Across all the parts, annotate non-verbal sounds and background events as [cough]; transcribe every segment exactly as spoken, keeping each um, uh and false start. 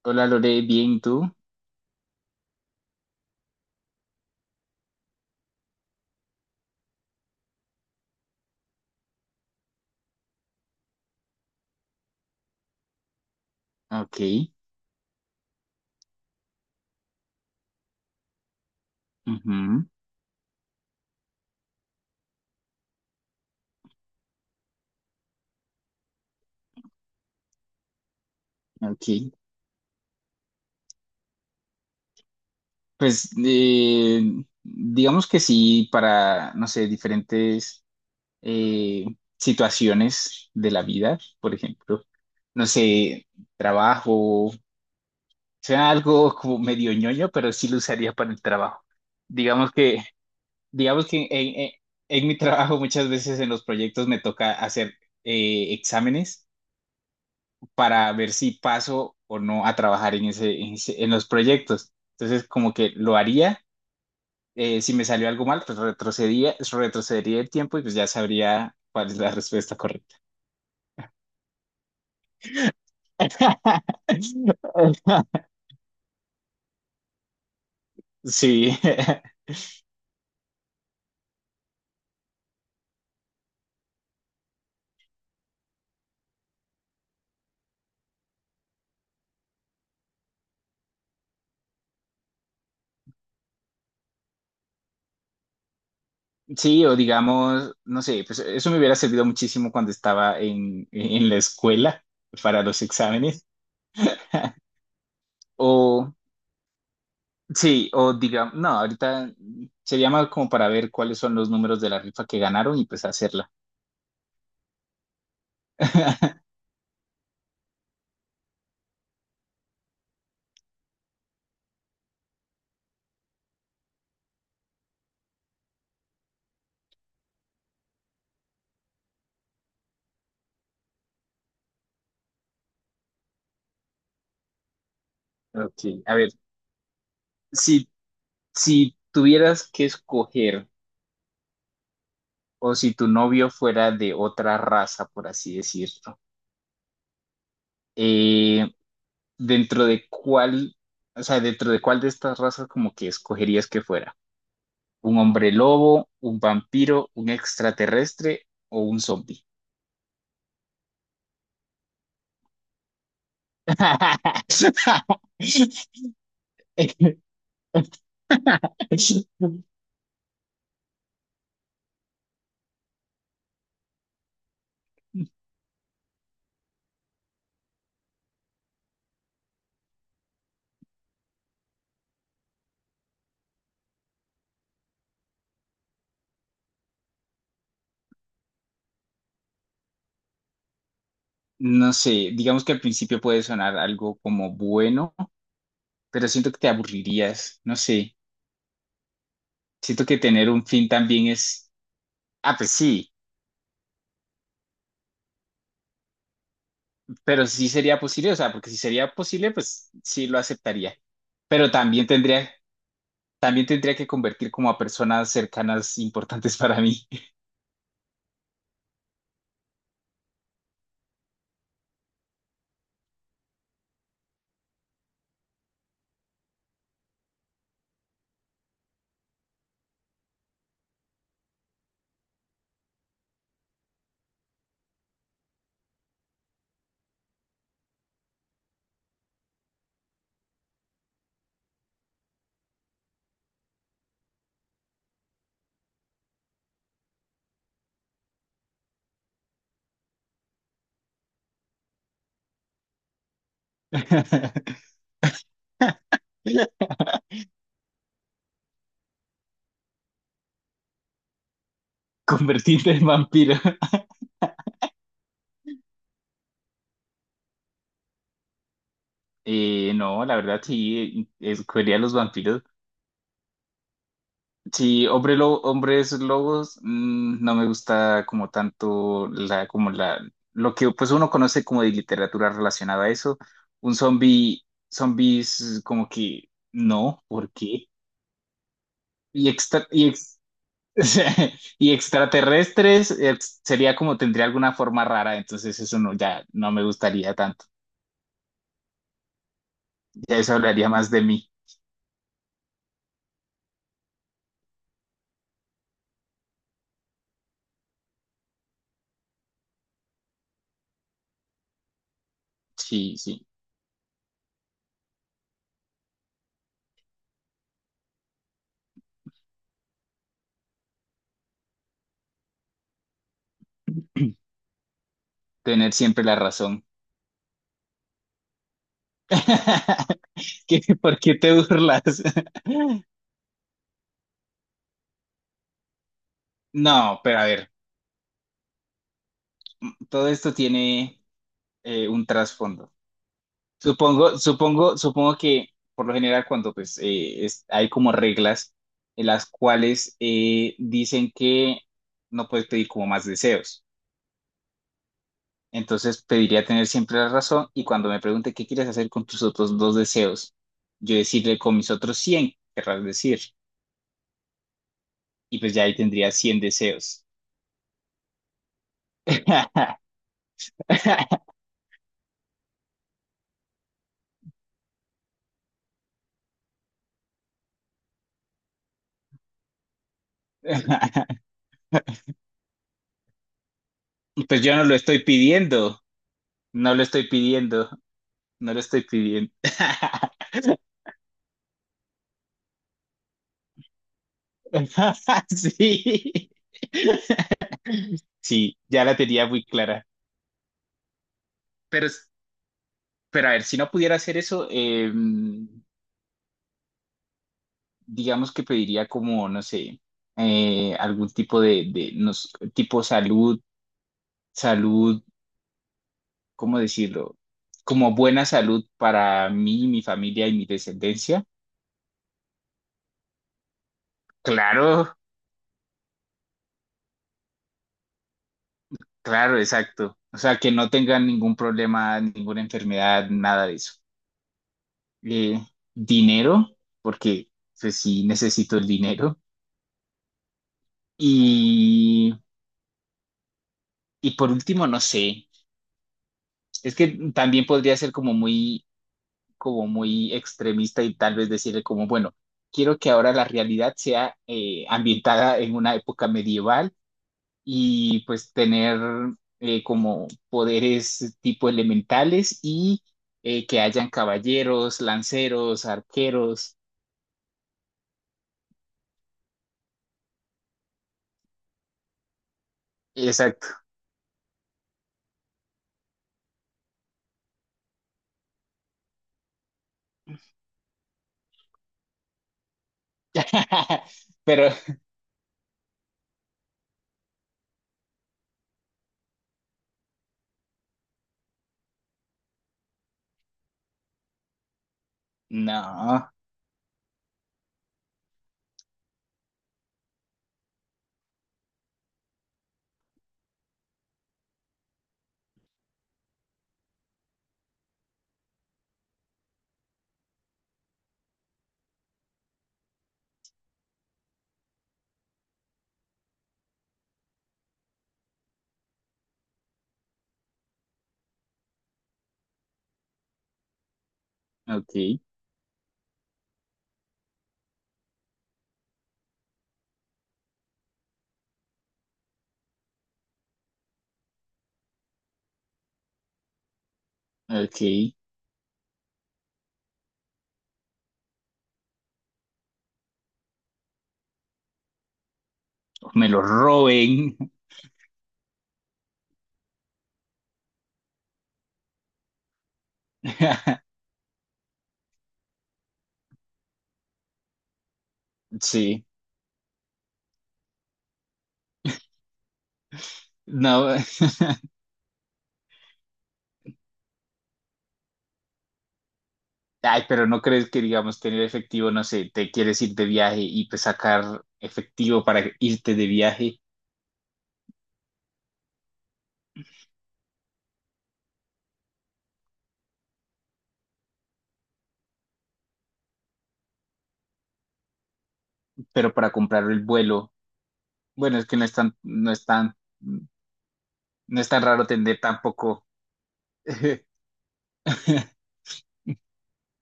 Hola Lore, bien, ¿tú? Ok, ujú, ok. Pues eh, digamos que sí, para, no sé, diferentes eh, situaciones de la vida, por ejemplo, no sé, trabajo, sea algo como medio ñoño, pero sí lo usaría para el trabajo. Digamos que, digamos que en, en- en mi trabajo muchas veces en los proyectos me toca hacer eh, exámenes. Para ver si paso o no a trabajar en ese, en ese- en los proyectos. Entonces, como que lo haría, eh, si me salió algo mal, pues retrocedía, retrocedería el tiempo y pues ya sabría cuál es la respuesta correcta. [laughs] Sí, sí, o digamos, no sé, pues eso me hubiera servido muchísimo cuando estaba en, en la escuela para los exámenes. [laughs] O sí, o digamos, no, ahorita sería más como para ver cuáles son los números de la rifa que ganaron y pues hacerla. Ok, a ver, si, si tuvieras que escoger o si tu novio fuera de otra raza, por así decirlo, eh, dentro de cuál, o sea, dentro de cuál de estas razas como que escogerías que fuera, un hombre lobo, un vampiro, un extraterrestre o un zombie. [laughs] No sé, digamos que al principio puede sonar algo como bueno, pero siento que te aburrirías, no sé. Siento que tener un fin también es, ah, pues sí, pero sí sería posible, o sea, porque si sería posible, pues sí lo aceptaría. Pero también tendría, también tendría que convertir como a personas cercanas importantes para mí. [laughs] Convertirte en vampiro. [laughs] Eh, no, la verdad sí, escogería a los vampiros. Sí, hombre lo- hombres lobos, mm, no me gusta como tanto la, como la, lo que pues uno conoce como de literatura relacionada a eso. Un zombie, zombies como que no, ¿por qué? Y, extra, y, ex- [laughs] o sea, y extraterrestres ex- sería como tendría alguna forma rara, entonces eso no, ya no me gustaría tanto. Ya eso hablaría más de mí. Sí, sí, tener siempre la razón. [laughs] ¿Qué- ¿Por qué te burlas? [laughs] No, pero a ver, todo esto tiene eh, un trasfondo. Supongo, supongo, supongo que por lo general cuando pues eh, es- hay como reglas en las cuales eh, dicen que no puedes pedir como más deseos. Entonces pediría tener siempre la razón y cuando me pregunte qué quieres hacer con tus otros dos deseos, yo decirle con mis otros cien querrás decir, y pues ya ahí tendría cien deseos. [laughs] Pues yo no lo estoy pidiendo, no lo estoy pidiendo. No lo estoy pidiendo. [laughs] Sí. Sí, ya la tenía muy clara. Pero, es- pero a ver, si no pudiera hacer eso, eh, digamos que pediría como, no sé, eh, algún tipo de, de nos- tipo salud, salud, ¿cómo decirlo? Como buena salud para mí, mi familia y mi descendencia. Claro, claro, exacto. O sea, que no tengan ningún problema, ninguna enfermedad, nada de eso. eh, dinero, porque pues sí necesito el dinero. Y, y por último, no sé, es que también podría ser como muy, como muy extremista y tal vez decirle como, bueno, quiero que ahora la realidad sea eh, ambientada en una época medieval y pues tener eh, como poderes tipo elementales y eh, que hayan caballeros, lanceros, arqueros. Exacto. [laughs] Pero no. Ok, ok. Me lo roben. [laughs] Sí. No, [laughs] ay, pero no crees que, digamos, tener efectivo, no sé, te quieres ir de viaje y pues sacar efectivo para irte de viaje, pero para comprar el vuelo. Bueno, es que no es tan, no es tan, no es tan raro tener tampoco. [laughs]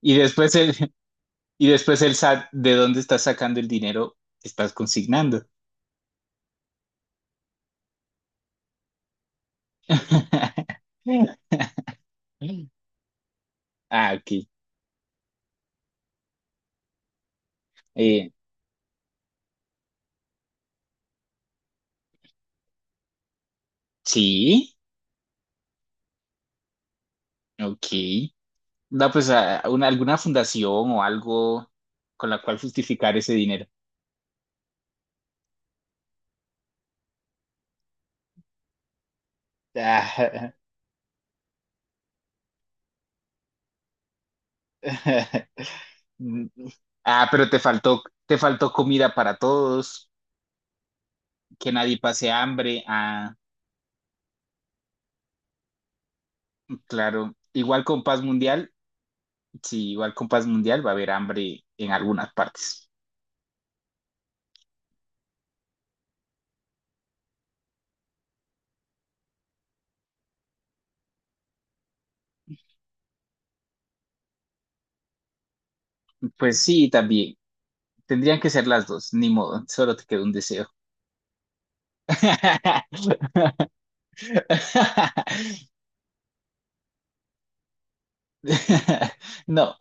Y después el, y después el S A T, ¿de dónde estás sacando el dinero que estás consignando? [laughs] Ah, ok. Eh, sí, ok. No pues a a una- alguna fundación o algo con la cual justificar ese dinero. Ah, [laughs] ah, pero te faltó, te faltó comida para todos, que nadie pase hambre. Ah, claro. Igual con paz mundial, sí, igual con paz mundial va a haber hambre en algunas partes. Pues sí, también. Tendrían que ser las dos, ni modo, solo te quedó un deseo. [laughs] [laughs] No,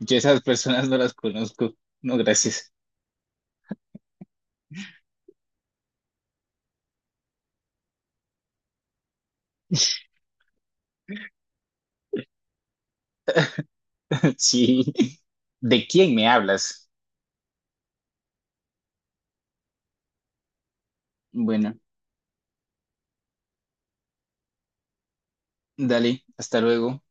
yo esas personas no las conozco. No, gracias. [laughs] Sí. ¿De quién me hablas? Bueno, dale, hasta luego.